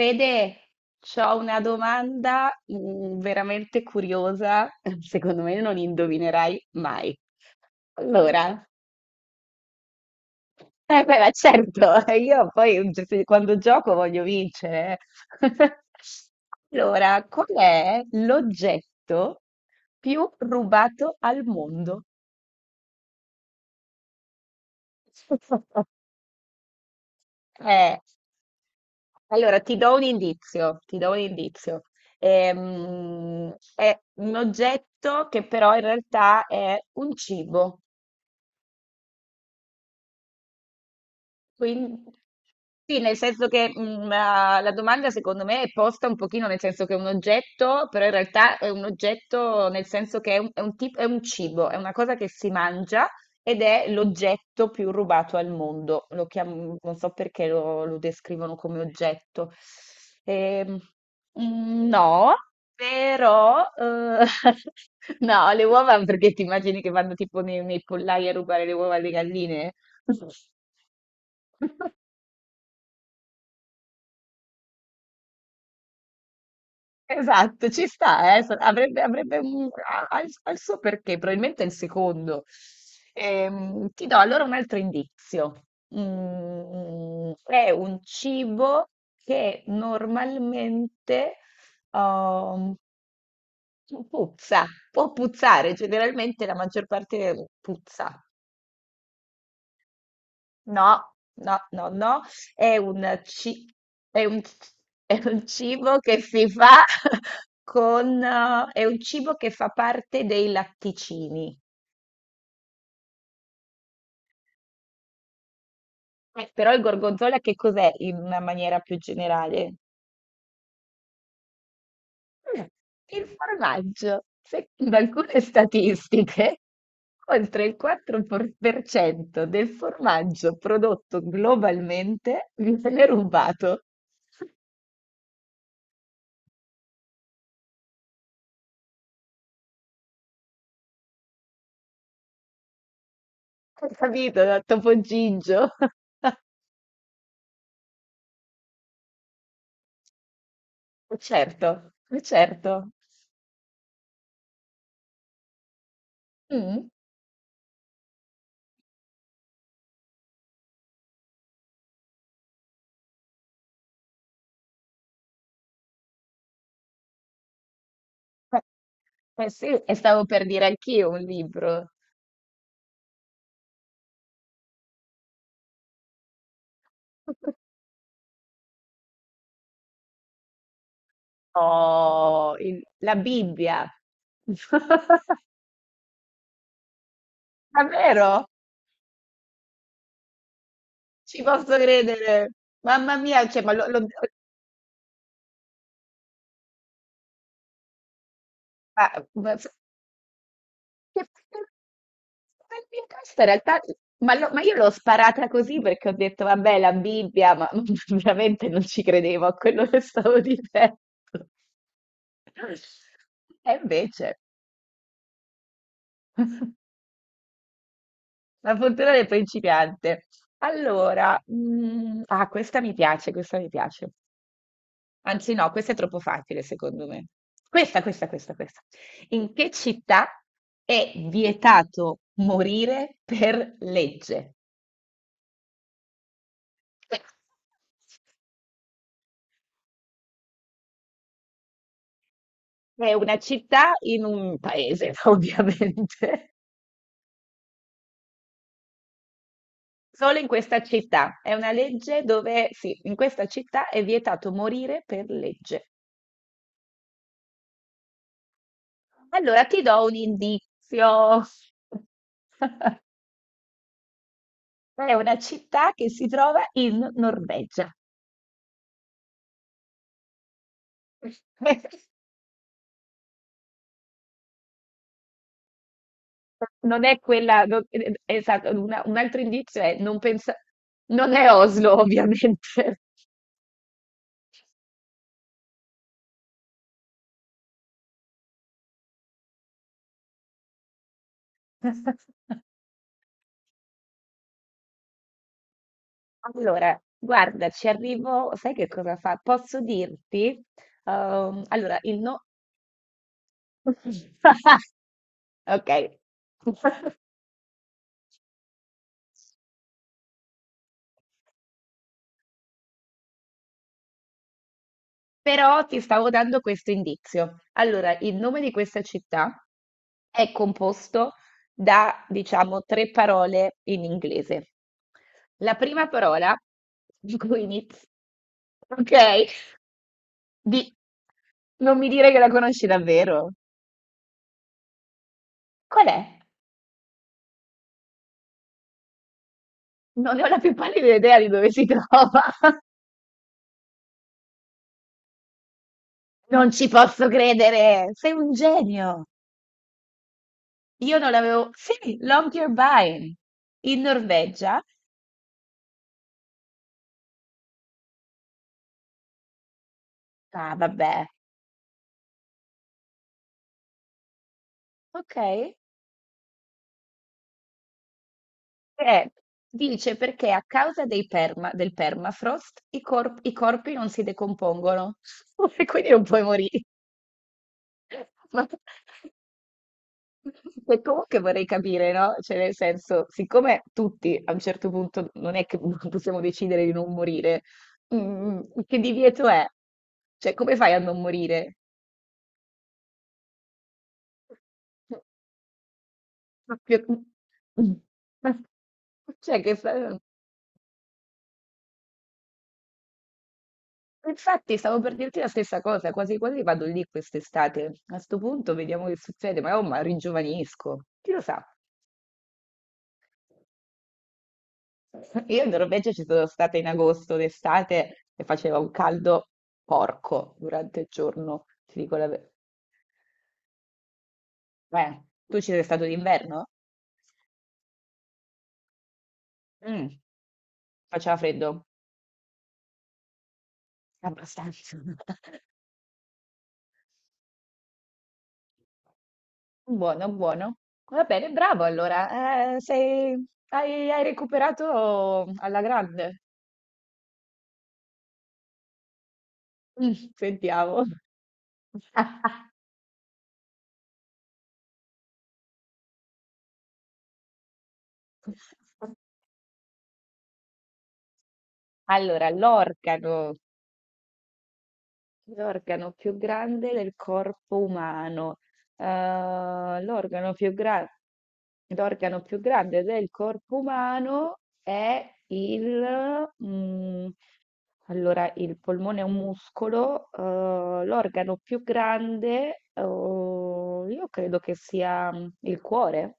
Fede, c'ho una domanda veramente curiosa, secondo me non indovinerai mai. Allora, eh beh, ma certo, io poi quando gioco voglio vincere. Allora, qual è l'oggetto più rubato al mondo? Eh, allora ti do un indizio, ti do un indizio. È un oggetto che però in realtà è un cibo. Sì, nel senso che la domanda secondo me è posta un pochino nel senso che è un oggetto, però in realtà è un oggetto nel senso che è un cibo, è una cosa che si mangia ed è l'oggetto più rubato al mondo. Non so perché lo descrivono come oggetto. Ehm, no, però no, le uova perché ti immagini che vanno tipo nei pollai a rubare le uova alle galline? Esatto, ci sta, avrebbe ha il suo perché, probabilmente è il secondo. Ti do allora un altro indizio. È un cibo che normalmente um, puzza, può puzzare, generalmente la maggior parte puzza. No, no, no, no, è un, ci- è un, è un cibo che si fa con, è un cibo che fa parte dei latticini. Però il gorgonzola che cos'è in una maniera più generale? Mm, Il formaggio. Secondo alcune statistiche, oltre il 4% del formaggio prodotto globalmente viene rubato. Hai capito, da Topo Gigio? Certo, certo. Mm. Beh, beh, sì, e stavo per dire anch'io un libro. Oh, la Bibbia. Davvero? Ci posso credere. Mamma mia, cioè, ma- ma- che- che- che- questa in realtà, ma io l'ho sparata così perché ho detto, vabbè, la Bibbia, ma veramente non ci credevo a quello che stavo dicendo. E invece. La fortuna del principiante. Allora, ah, questa mi piace, questa mi piace. Anzi, no, questa è troppo facile, secondo me. Questa, questa, questa, questa. In che città è vietato morire per legge? È una città in un paese, ovviamente. Solo in questa città. È una legge dove, sì, in questa città è vietato morire per legge. Allora ti do un indizio. È una città che si trova in Norvegia. Non è quella, esatto, un altro indizio è non pensa, non è Oslo, ovviamente. Allora, guarda, ci arrivo, sai che cosa fa? Posso dirti? Allora, il no. Ok. Però ti stavo dando questo indizio. Allora, il nome di questa città è composto da, diciamo, tre parole in inglese. La prima parola di cui inizia, ok? Di. Non mi dire che la conosci davvero. Qual è? Non ne ho la più pallida idea di dove si trova. Non ci posso credere, sei un genio. Io non l'avevo. Sì, Longyearbyen, in Norvegia. Ah, vabbè. Ok. Eh, dice perché a causa dei del permafrost i corpi non si decompongono e quindi non puoi morire. Ma e comunque vorrei capire, no? Cioè, nel senso, siccome tutti a un certo punto non è che possiamo decidere di non morire, mm, che divieto è? Cioè, come fai a non morire? Proprio- Cioè, Infatti, stavo per dirti la stessa cosa, quasi quasi vado lì quest'estate. A sto punto vediamo che succede, ma oh, ma ringiovanisco. Chi lo sa? Io in Norvegia ci sono stata in agosto d'estate e faceva un caldo porco durante il giorno, ti dico la verità. Tu ci sei stato d'inverno? Mm, faceva freddo, abbastanza. Buono, buono. Va bene, bravo allora. Hai recuperato alla grande. Sentiamo. Allora, l'organo più grande del corpo umano. Eh, l'organo più gra- l'organo più grande del corpo umano è il polmone è un muscolo, l'organo più grande, oh, io credo che sia il cuore.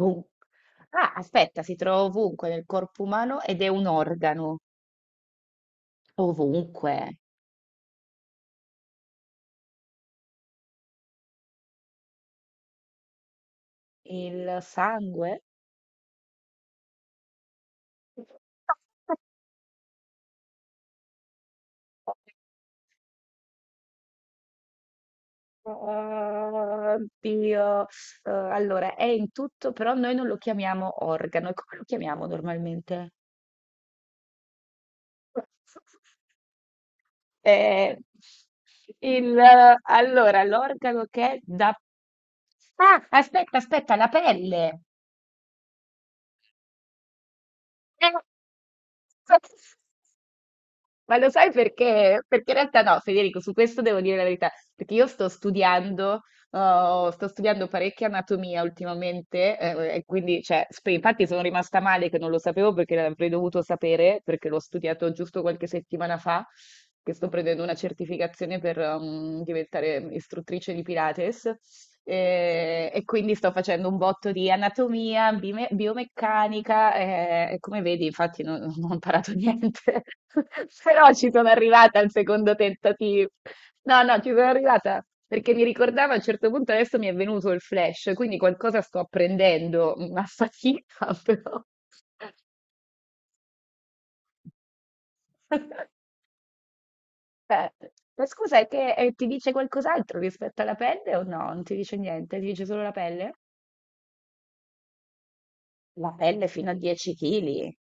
Vum. Ah, aspetta, si trova ovunque nel corpo umano ed è un organo. Ovunque. Il sangue? Oddio. Allora, è in tutto, però noi non lo chiamiamo organo. E come lo chiamiamo normalmente? Eh, il, allora, l'organo che è da. Ah, aspetta, aspetta, la pelle. Eh. Ma lo sai perché? Perché in realtà no, Federico, su questo devo dire la verità, perché io sto studiando parecchia anatomia ultimamente, e quindi, cioè, infatti sono rimasta male che non lo sapevo perché l'avrei dovuto sapere, perché l'ho studiato giusto qualche settimana fa, che sto prendendo una certificazione per diventare istruttrice di Pilates, e quindi sto facendo un botto di anatomia, biomeccanica, e come vedi, infatti non ho imparato niente. Però ci sono arrivata al secondo tentativo. No, no, ci sono arrivata perché mi ricordavo a un certo punto adesso mi è venuto il flash, quindi qualcosa sto apprendendo, ma fatica però. Eh, Ma scusa, è che ti dice qualcos'altro rispetto alla pelle o no? Non ti dice niente, ti dice solo la pelle? La pelle fino a 10 kg.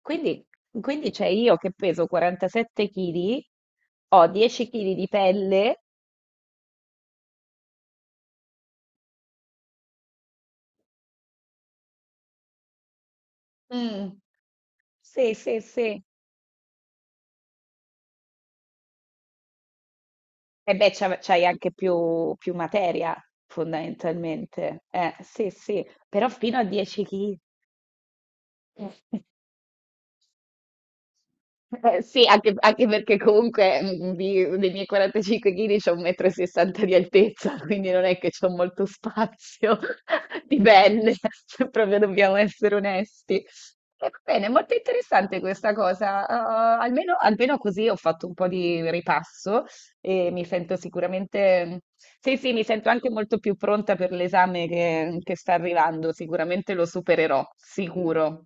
Quindi, quindi, c'è io che peso 47 kg, ho 10 kg di pelle. Mm. Sì, sì, sì. E beh, c'hai anche più materia, fondamentalmente. Sì, sì, però fino a 10 kg. Sì, anche perché comunque dei miei 45 kg c'ho 1,60 m di altezza, quindi non è che c'ho molto spazio di pelle, se proprio dobbiamo essere onesti. Va bene, molto interessante questa cosa. Almeno, così ho fatto un po' di ripasso e mi sento sicuramente, sì, sì, mi sento anche molto più pronta per l'esame che sta arrivando. Sicuramente lo supererò, sicuro.